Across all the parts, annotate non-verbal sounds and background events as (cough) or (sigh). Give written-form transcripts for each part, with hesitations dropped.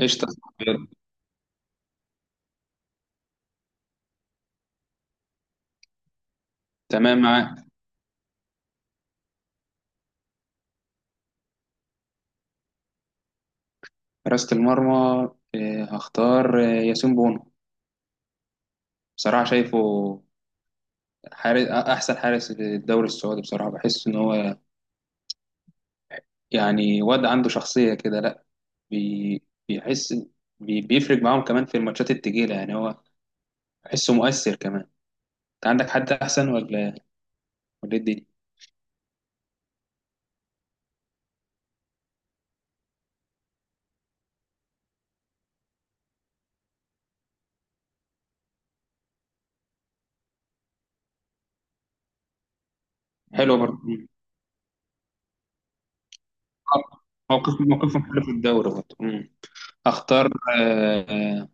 قشطة. تمام معاك. حراسة المرمى، هختار ياسين بونو. بصراحة شايفه أحسن حارس في الدوري السعودي بصراحة. بحس إن هو يعني واد عنده شخصية كده، لأ. بي بيحس، بيفرق معاهم كمان في الماتشات التقيلة، يعني هو بحسه مؤثر كمان. أنت عندك حد أحسن ولا إيه الدنيا؟ حلو برضه. مم. موقفهم حلو في الدوري برضه. مم. أختار آه، آه،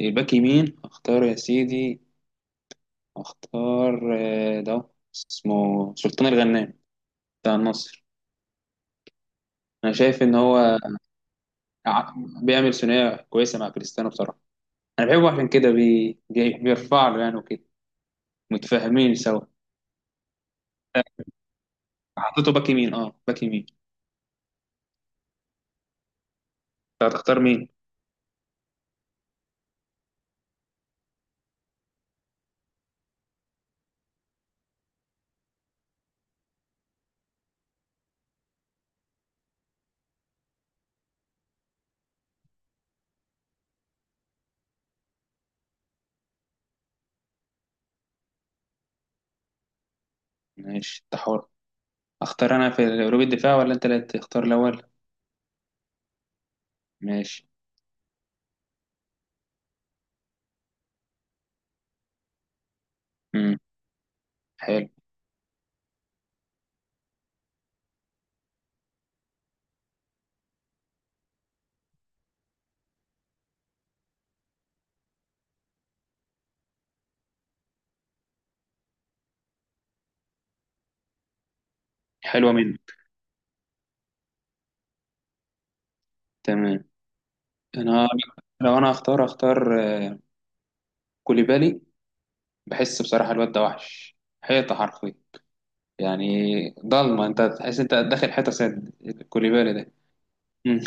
الباك يمين. أختار يا سيدي، اختار ده، اسمه سلطان الغنام بتاع النصر. انا شايف ان هو ع- بيعمل ثنائيه كويسه مع كريستيانو بصراحه. انا بحبه عشان كده بيرفع له يعني وكده، متفاهمين سوا. آه، حطيته باك يمين، اه باك يمين. انت هتختار مين؟ ماشي، انت حر. اختار انا في قلوب الدفاع ولا انت اللي تختار الاول؟ ماشي. امم حلو. حلوه منك. تمام. انا لو انا هختار، اختار كوليبالي. بحس بصراحه الواد ده وحش، حيطه حرفيا يعني. ضلمه، انت تحس انت داخل حته سد، الكوليبالي ده. مم.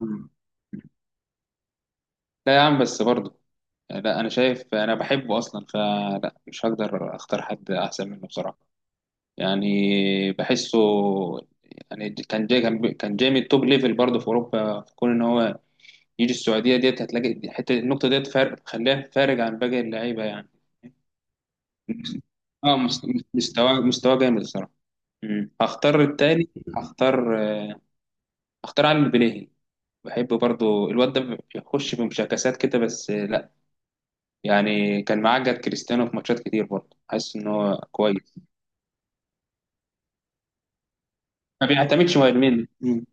مم. لا يا عم، بس برضه لا، انا شايف، انا بحبه اصلا، فلا مش هقدر اختار حد احسن منه بصراحه يعني. بحسه يعني كان جاي، كان جاي من التوب ليفل برضه في اوروبا. في كون ان هو يجي السعوديه ديت، هتلاقي حته النقطه ديت فارق، خلاه فارق عن باقي اللعيبه يعني. اه مستواه جامد الصراحه. مم. هختار التاني. هختار آه، هختار علي البليهي. بحب برضو الواد ده، بيخش بمشاكسات كده بس لا يعني، كان معاه جد كريستيانو في ماتشات كتير برضو. حاسس ان هو كويس. ما بيعتمدش مهاجمين. مم.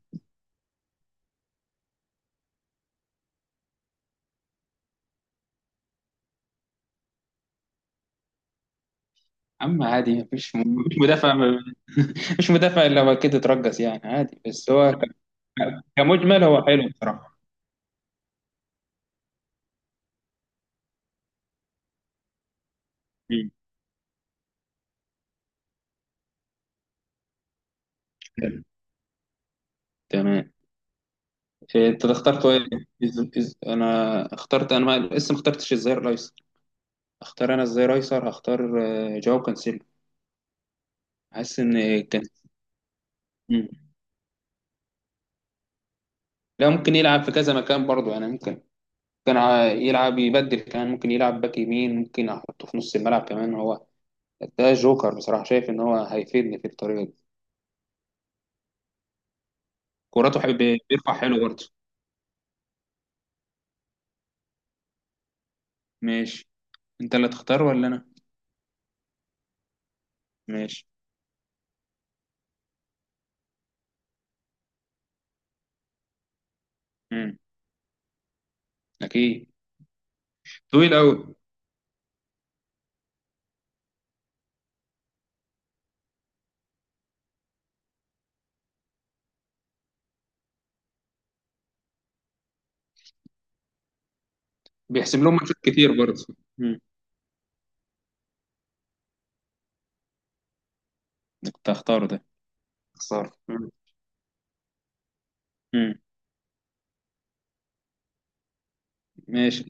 اما عادي، مفيش مدافع (laughs) مش مدافع الا هو كده اترجس يعني عادي. بس هو كمجمل هو حلو بصراحة. مم. حلو. تمام. إيه، انت اخترت ايه؟ انا اخترت، انا ما لسه ما اخترتش الظهير الايسر. اختار انا الظهير الايسر. هختار جواو كانسيلو. حاسس ان كان. مم. لا ممكن يلعب في كذا مكان برضه يعني. ممكن يلعب، يبدل كمان ممكن يلعب باك يمين، ممكن احطه في نص الملعب كمان. هو ده جوكر بصراحة، شايف ان هو هيفيدني في الطريقة دي. كوراته حب، بيرفع حلو برضه. ماشي. انت اللي تختار ولا انا؟ ماشي. امم اكيد، طويل قوي. بيحسب لهم ماتشات كتير برضه. امم كنت هختاره ده. اختار. مم. مم. ماشي.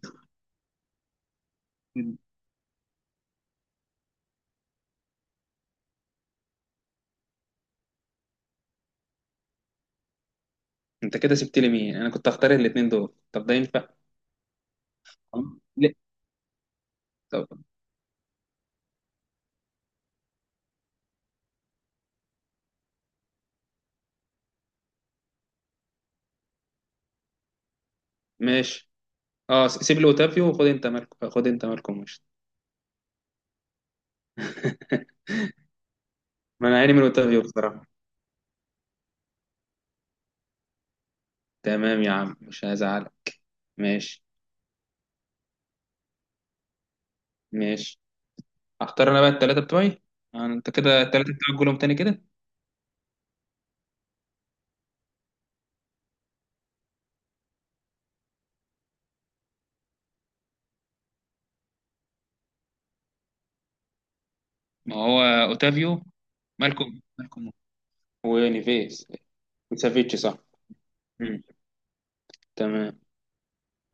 انت كده سبت لي مين؟ انا كنت هختار الاثنين دول، طب ده ينفع؟ لا. طب ماشي، اه سيب لي اوتافيو وخد انت مالكم. خد انت مالكم مش، (laughs) ما انا عيني من اوتافيو بصراحه. تمام يا عم، مش هزعلك. ماشي. ماشي. اختار انا بقى الثلاثه بتوعي، يعني انت كده الثلاثه بتوعك قولهم تاني كده. ما هو اوتافيو، مالكم ونيفيس وسافيتش، صح. مم. تمام.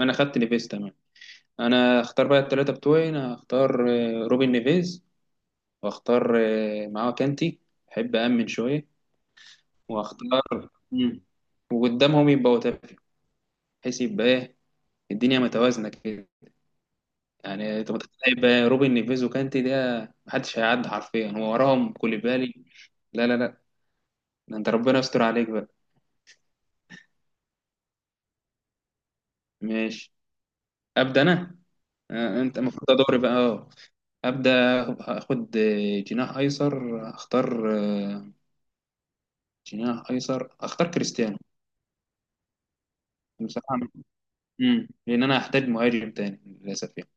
انا خدت نيفيس، تمام. انا اختار بقى الثلاثه بتوعي. انا اختار روبن نيفيز، واختار معاه كانتي، احب امن شويه. واختار. مم. وقدامهم يبقى اوتافيو، بحيث يبقى ايه، الدنيا متوازنه كده. يعني انت متخيل بقى روبن نيفيز وكانتي ده؟ محدش هيعدي حرفيا، هو وراهم كوليبالي. لا لا لا، ده انت ربنا يستر عليك بقى. ماشي. ابدا انا. انت المفروض، ادوري بقى اه. ابدا اخد جناح ايسر. اختار جناح ايسر، اختار كريستيانو بصراحه. امم، لان انا هحتاج مهاجم تاني للاسف يعني،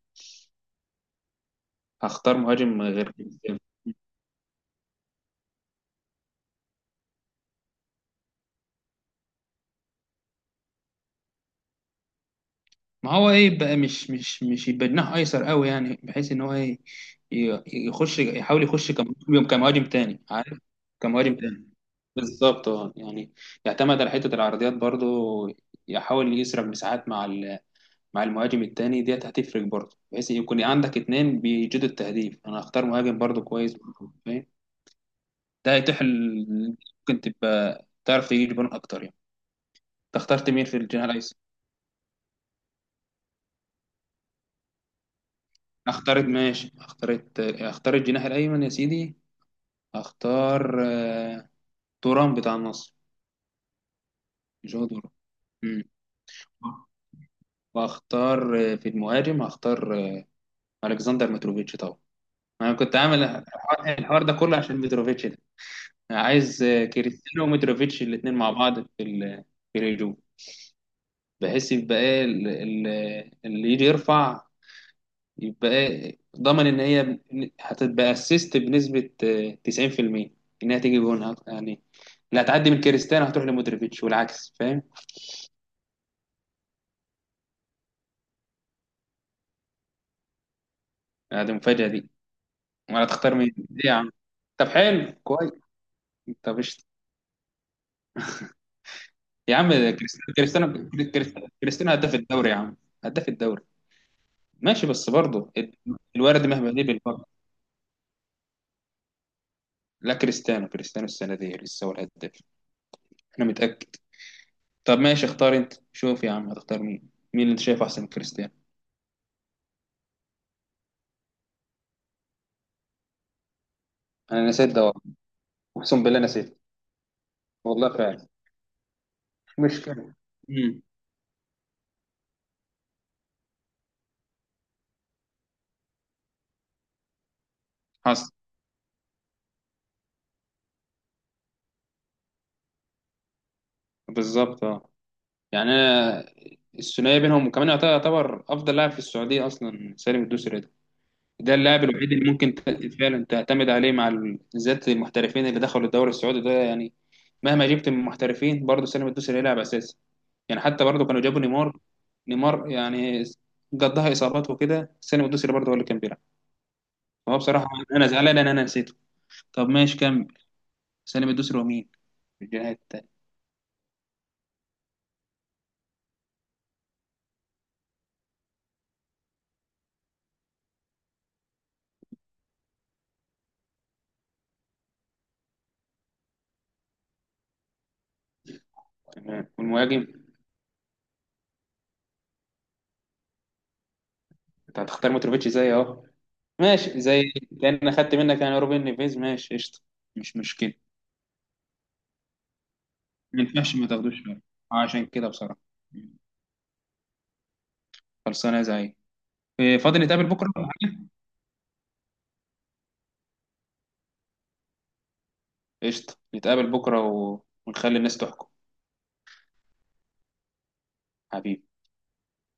هختار مهاجم غير كريستيانو. ما هو ايه بقى، مش يبقى جناح ايسر قوي يعني، بحيث ان هو ايه يخش، يحاول يخش كمهاجم تاني، عارف؟ كمهاجم تاني بالظبط اه يعني، يعتمد على حته العرضيات برضو، يحاول يسرق مساحات مع مع المهاجم التاني ديت، هتفرق برضو، بحيث يكون عندك اتنين بيجيدوا التهديف. انا هختار مهاجم برضو كويس برضو، فاهم؟ ده هيتيح ممكن تبقى تعرف تجيب جون اكتر يعني. انت اخترت مين في الجناح الايسر؟ اخترت، ماشي، اخترت الجناح الايمن يا سيدي. اختار توران بتاع النصر، جو دوران. مم. واختار في المهاجم هختار الكسندر متروفيتش طبعا. انا كنت عامل الحوار، الحوار ده كله عشان متروفيتش ده. أنا عايز كريستيانو ومتروفيتش الاثنين مع بعض في في الهجوم، بحيث يبقى ايه اللي يجي يرفع، يبقى ايه ضمن ان هي هتبقى اسيست بنسبة 90% انها تيجي جون يعني. اللي هتعدي من كريستيانو هتروح لمتروفيتش والعكس، فاهم؟ هذه المفاجأة دي. ولا تختار مين، ايه يا عم؟ طب حلو كويس. طب قشطة. يا عم كريستيانو، كريستيانو كريستيانو كريستيانو هداف الدوري يا عم، هداف الدوري. ماشي بس برضه الورد مهما ليه بالبركه. لا كريستيانو، كريستيانو السنه دي لسه هو الهداف، انا متاكد. طب ماشي، اختار انت، شوف يا عم هتختار مين اللي انت شايفه احسن من كريستيانو. انا نسيت ده والله، اقسم بالله نسيت. والله فعلا. مش مشكلة. امم. حصل. بالظبط اه يعني، انا الثنائيه بينهم، وكمان يعتبر، يعتبر افضل لاعب في السعوديه اصلا سالم الدوسري ده. ده اللاعب الوحيد اللي ممكن فعلا تعتمد عليه مع بالذات المحترفين اللي دخلوا الدوري السعودي ده يعني. مهما جبت من محترفين برضه، سالم الدوسري هيلعب اساسي. يعني حتى برضه كانوا جابوا نيمار. نيمار يعني قضاها اصابات وكده، سالم الدوسري برضه هو اللي كان بيلعب. فهو بصراحه، انا زعلان ان انا نسيته. طب ماشي، كمل. سالم الدوسري ومين في الجهه التانيه؟ تمام، والمهاجم؟ انت هتختار متروفيتش زي اهو؟ ماشي زي، كأن أخدت منك يعني روبن نيفيز. ماشي قشطة، مش مشكلة. ما ينفعش، ما تاخدوش بالك. عشان كده بصراحة. خلصانة يا زعيم. إيه، فاضي نتقابل بكرة ولا حاجة؟ قشطة، نتقابل بكرة و... ونخلي الناس تحكم. حبيبي.